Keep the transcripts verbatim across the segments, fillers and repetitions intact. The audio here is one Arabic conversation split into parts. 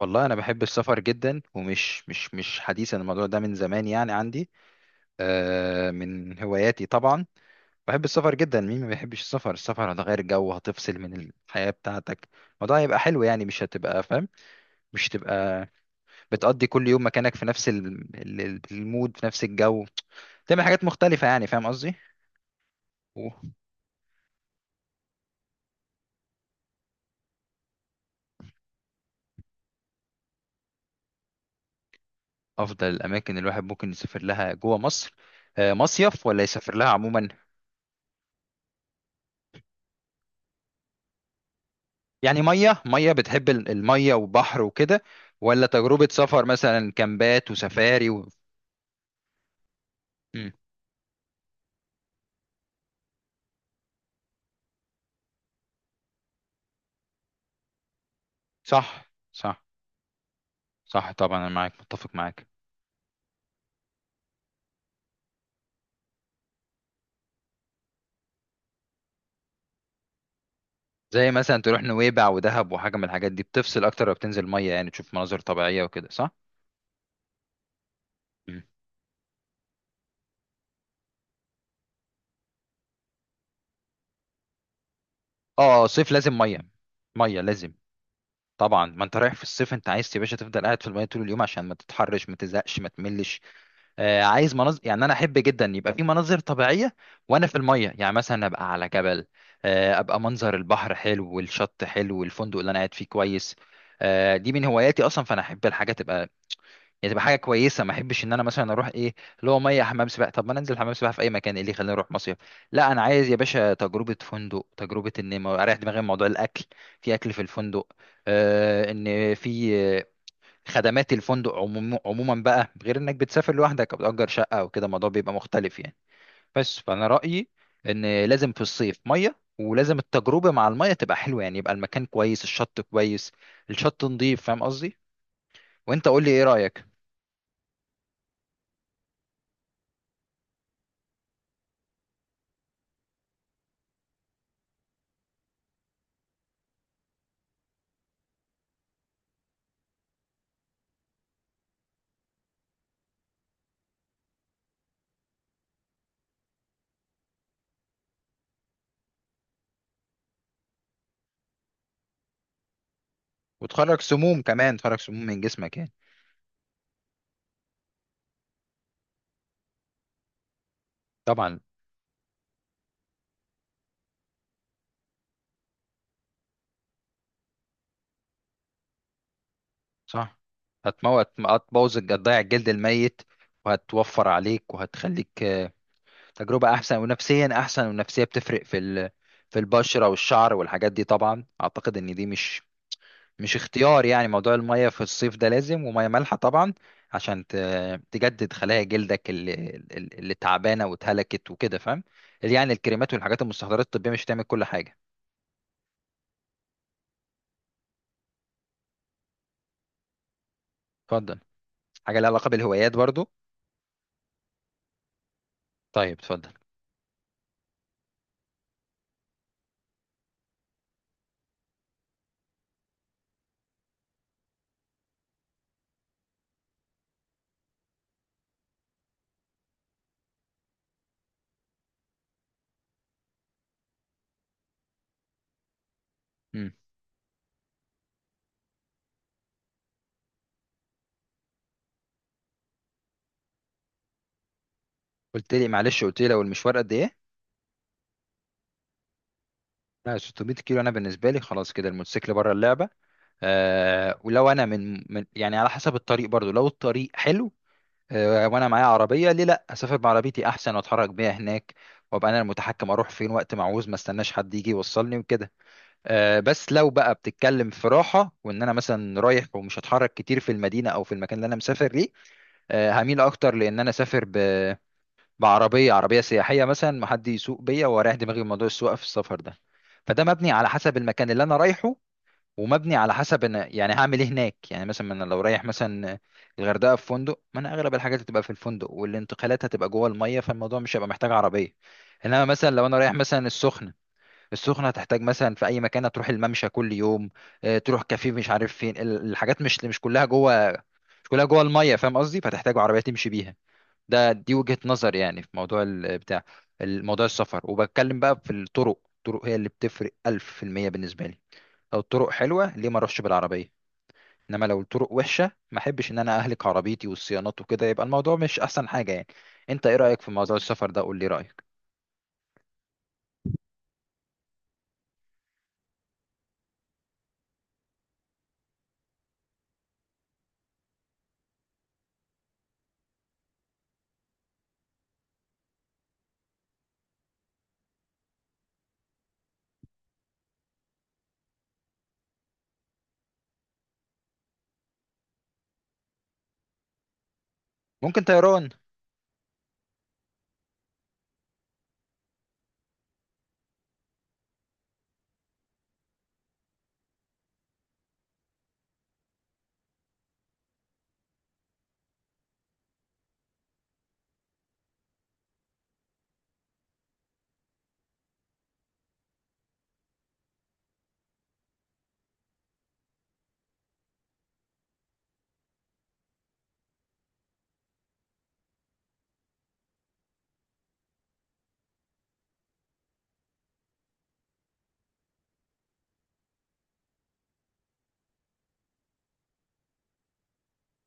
والله انا بحب السفر جدا، ومش مش مش حديث. أنا الموضوع ده من زمان يعني عندي، آه، من هواياتي طبعا. بحب السفر جدا. مين ما بيحبش السفر؟ السفر هتغير جو، هتفصل من الحياة بتاعتك. الموضوع هيبقى حلو يعني، مش هتبقى فاهم، مش هتبقى بتقضي كل يوم مكانك في نفس ال- ال- ال- المود، في نفس الجو. تعمل حاجات مختلفة يعني، فاهم قصدي. وافضل الاماكن اللي الواحد ممكن يسافر لها جوه مصر، آه، مصيف ولا يسافر لها عموما؟ يعني ميه ميه، بتحب ال- الميه وبحر وكده، ولا تجربة سفر مثلا كامبات وسفاري و... مم. صح، صح، صح. طبعا انا معاك متفق معاك. زي مثلا تروح نويبع ودهب وحاجة من الحاجات دي، بتفصل اكتر لو بتنزل ميه، يعني تشوف مناظر طبيعية وكده، صح. مم. اه، صيف لازم ميه. ميه لازم. طبعا ما انت رايح في الصيف، انت عايز يا باشا تفضل قاعد في الميه طول اليوم عشان ما تتحرش، ما تزهقش، ما تملش. آه، عايز مناظر، يعني انا احب جدا يبقى في مناظر طبيعيه وانا في الميه، يعني مثلا ابقى على جبل، آه، ابقى منظر البحر حلو والشط حلو والفندق اللي انا قاعد فيه كويس. آه، دي من هواياتي اصلا، فانا احب الحاجه تبقى، يعني تبقى حاجه كويسه. ما احبش ان انا مثلا اروح، ايه اللي هو، ميه حمام سباحه. طب ما انا انزل حمام سباحه في اي مكان، ايه اللي يخليني اروح مصيف؟ لا، انا عايز يا باشا تجربه فندق، تجربه ان ما- اريح دماغي من موضوع الاكل، في اكل في الفندق، آه، ان في خدمات الفندق. عموم- عموما بقى، غير انك بتسافر لوحدك او بتأجر شقة او كده، الموضوع بيبقى مختلف يعني. بس فانا رأيي ان لازم في الصيف مية، ولازم التجربة مع المية تبقى حلوة، يعني يبقى المكان كويس، الشط كويس، الشط نضيف، فاهم قصدي. وانت قول لي ايه رأيك. وتخرج سموم كمان، تخرج سموم من جسمك يعني. طبعا. صح. هتموت، هتبوظ، هتضيع الجلد الميت، وهتوفر عليك وهتخليك تجربة أحسن، ونفسيا أحسن. والنفسية بتفرق في ال... في البشرة والشعر والحاجات دي طبعا. أعتقد إن دي مش مش اختيار. يعني موضوع المية في الصيف ده لازم، ومية مالحة طبعا، عشان ت... تجدد خلايا جلدك اللي, اللي تعبانة واتهلكت وكده فاهم. يعني الكريمات والحاجات المستحضرات الطبية مش هتعمل كل حاجة. اتفضل. حاجة لها علاقة بالهوايات برضو. طيب اتفضل. مم. قلت لي معلش، قلت لي لو المشوار قد إيه؟ لا، 600 كيلو أنا بالنسبة لي خلاص كده، الموتوسيكل بره اللعبة. آه ولو انا من, من، يعني على حسب الطريق برضو. لو الطريق حلو، آه وانا معايا عربيه، ليه لا اسافر بعربيتي احسن، واتحرك بيها هناك، وابقى انا المتحكم اروح فين وقت ما عاوز، ما استناش حد يجي يوصلني وكده. آه، بس لو بقى بتتكلم في راحه، وان انا مثلا رايح ومش هتحرك كتير في المدينه او في المكان اللي انا مسافر ليه، آه هميل اكتر لان انا اسافر ب بعربيه، عربيه سياحيه مثلا، ما حد يسوق بيا واريح دماغي من موضوع السواقه في السفر ده. فده مبني على حسب المكان اللي انا رايحه، ومبني على حسب انا يعني هعمل ايه هناك. يعني مثلا انا لو رايح مثلا الغردقه في فندق، ما انا اغلب الحاجات هتبقى في الفندق والانتقالات هتبقى جوه الميه، فالموضوع مش هيبقى محتاج عربيه. انما مثلا لو انا رايح مثلا السخنه، السخنه هتحتاج، مثلا في اي مكان هتروح الممشى كل يوم، آه، تروح كافيه، مش عارف فين ال- الحاجات، مش مش كلها جوه، مش كلها جوه الميه، فاهم قصدي، فتحتاج عربيه تمشي بيها. ده دي وجهه نظر يعني في موضوع ال- بتاع الموضوع السفر. وبتكلم بقى في الطرق. الطرق هي اللي بتفرق ألف في المية بالنسبه لي. لو الطرق حلوه ليه ما اروحش بالعربيه؟ انما لو الطرق وحشه، ما احبش ان انا اهلك عربيتي والصيانات وكده، يبقى الموضوع مش احسن حاجه يعني. انت ايه رايك في موضوع السفر ده؟ قول لي رايك. ممكن طيران.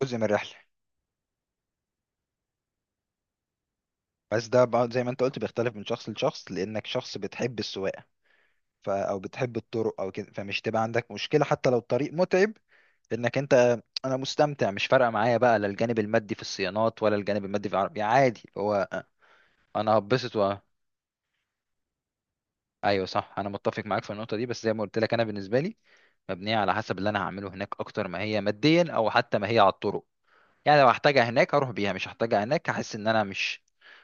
جزء من الرحله. بس ده بقى زي ما انت قلت، بيختلف من شخص لشخص، لانك شخص بتحب السواقه ف... او بتحب الطرق او كده، فمش تبقى عندك مشكله حتى لو الطريق متعب. انك انت انا مستمتع، مش فارقه معايا بقى، لا الجانب المادي في الصيانات ولا الجانب المادي في العربيه، عادي هو. انا هبسط و... ايوه، صح، انا متفق معاك في النقطه دي، بس زي ما قلت لك انا بالنسبه لي مبنية على حسب اللي أنا هعمله هناك أكتر ما هي ماديا، أو حتى ما هي على الطرق. يعني لو هحتاجها هناك أروح بيها، مش هحتاجها هناك هحس إن أنا مش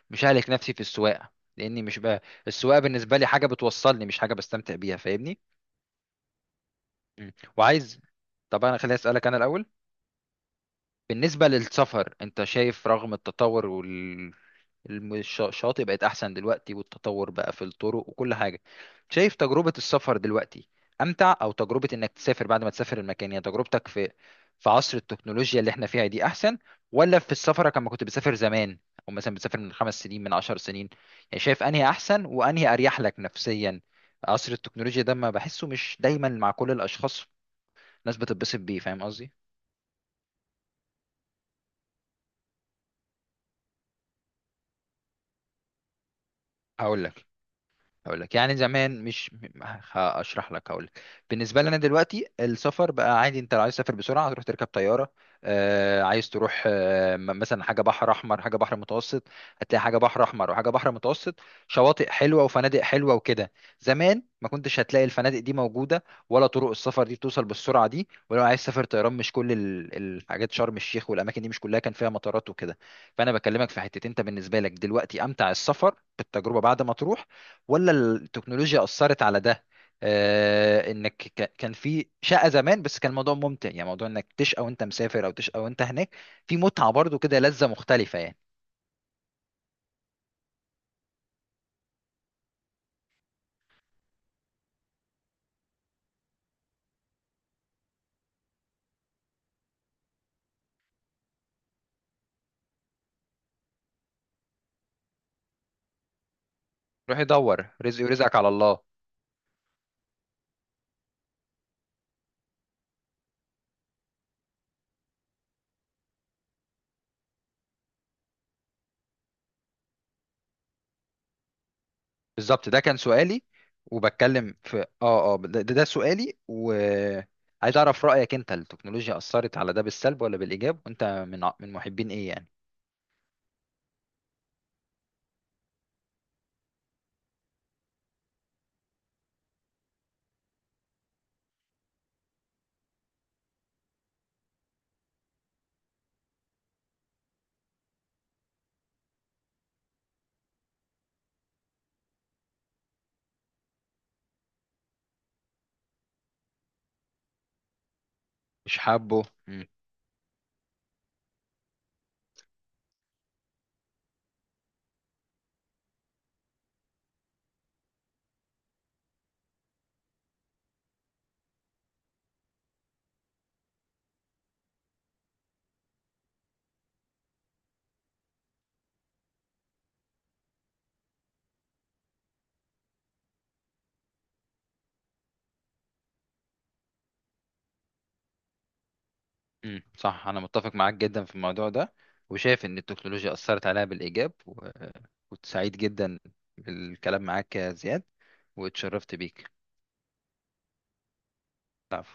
مش ههلك نفسي في السواقة، لأني مش بقى السواقة بالنسبة لي حاجة بتوصلني، مش حاجة بستمتع بيها، فاهمني؟ مم. وعايز. طب أنا خليني أسألك أنا الأول. بالنسبة للسفر انت شايف، رغم التطور وال الم- الش- الشاطئ بقت احسن دلوقتي، والتطور بقى في الطرق وكل حاجة، شايف تجربة السفر دلوقتي امتع، او تجربة انك تسافر بعد ما تسافر المكان، يعني تجربتك في في عصر التكنولوجيا اللي احنا فيها دي احسن، ولا في السفر كما كنت بتسافر زمان، او مثلا بتسافر من خمس سنين من عشر سنين؟ يعني شايف انهي احسن وانهي اريح لك نفسيا؟ عصر التكنولوجيا ده ما بحسه مش دايما مع كل الاشخاص، ناس بتتبسط بيه، فاهم قصدي. هقول لك هقول لك يعني زمان، مش هشرح لك، هقول لك. بالنسبه لنا دلوقتي السفر بقى عادي، انت لو عايز تسافر بسرعه هتروح تركب طياره. آه، عايز تروح، آه م- مثلا حاجه بحر احمر، حاجه بحر متوسط. هتلاقي حاجه بحر احمر وحاجه بحر متوسط، شواطئ حلوه وفنادق حلوه وكده. زمان ما كنتش هتلاقي الفنادق دي موجوده، ولا طرق السفر دي بتوصل بالسرعه دي. ولو عايز تسافر طيران، مش كل ال- الحاجات، شرم الشيخ والاماكن دي مش كلها كان فيها مطارات وكده. فانا بكلمك في حتتين، انت بالنسبه لك دلوقتي امتع السفر بالتجربه بعد ما تروح، ولا التكنولوجيا أثرت على ده؟ آه، انك ك- كان في شقة زمان، بس كان الموضوع ممتع، يعني موضوع انك تشقى وانت مسافر او تشقى وانت هناك، في متعة برضو كده، لذة مختلفة يعني. روح يدور رزقي، ورزقك على الله. بالظبط، ده كان سؤالي، وبتكلم في اه اه ده, ده سؤالي، وعايز اعرف رأيك. انت التكنولوجيا أثرت على ده بالسلب ولا بالإيجاب؟ وانت من ع- من محبين ايه يعني؟ مش حابه. امم، صح، انا متفق معاك جدا في الموضوع ده، وشايف ان التكنولوجيا اثرت عليها بالايجاب و... كنت سعيد جدا بالكلام معاك يا زياد، واتشرفت بيك. العفو.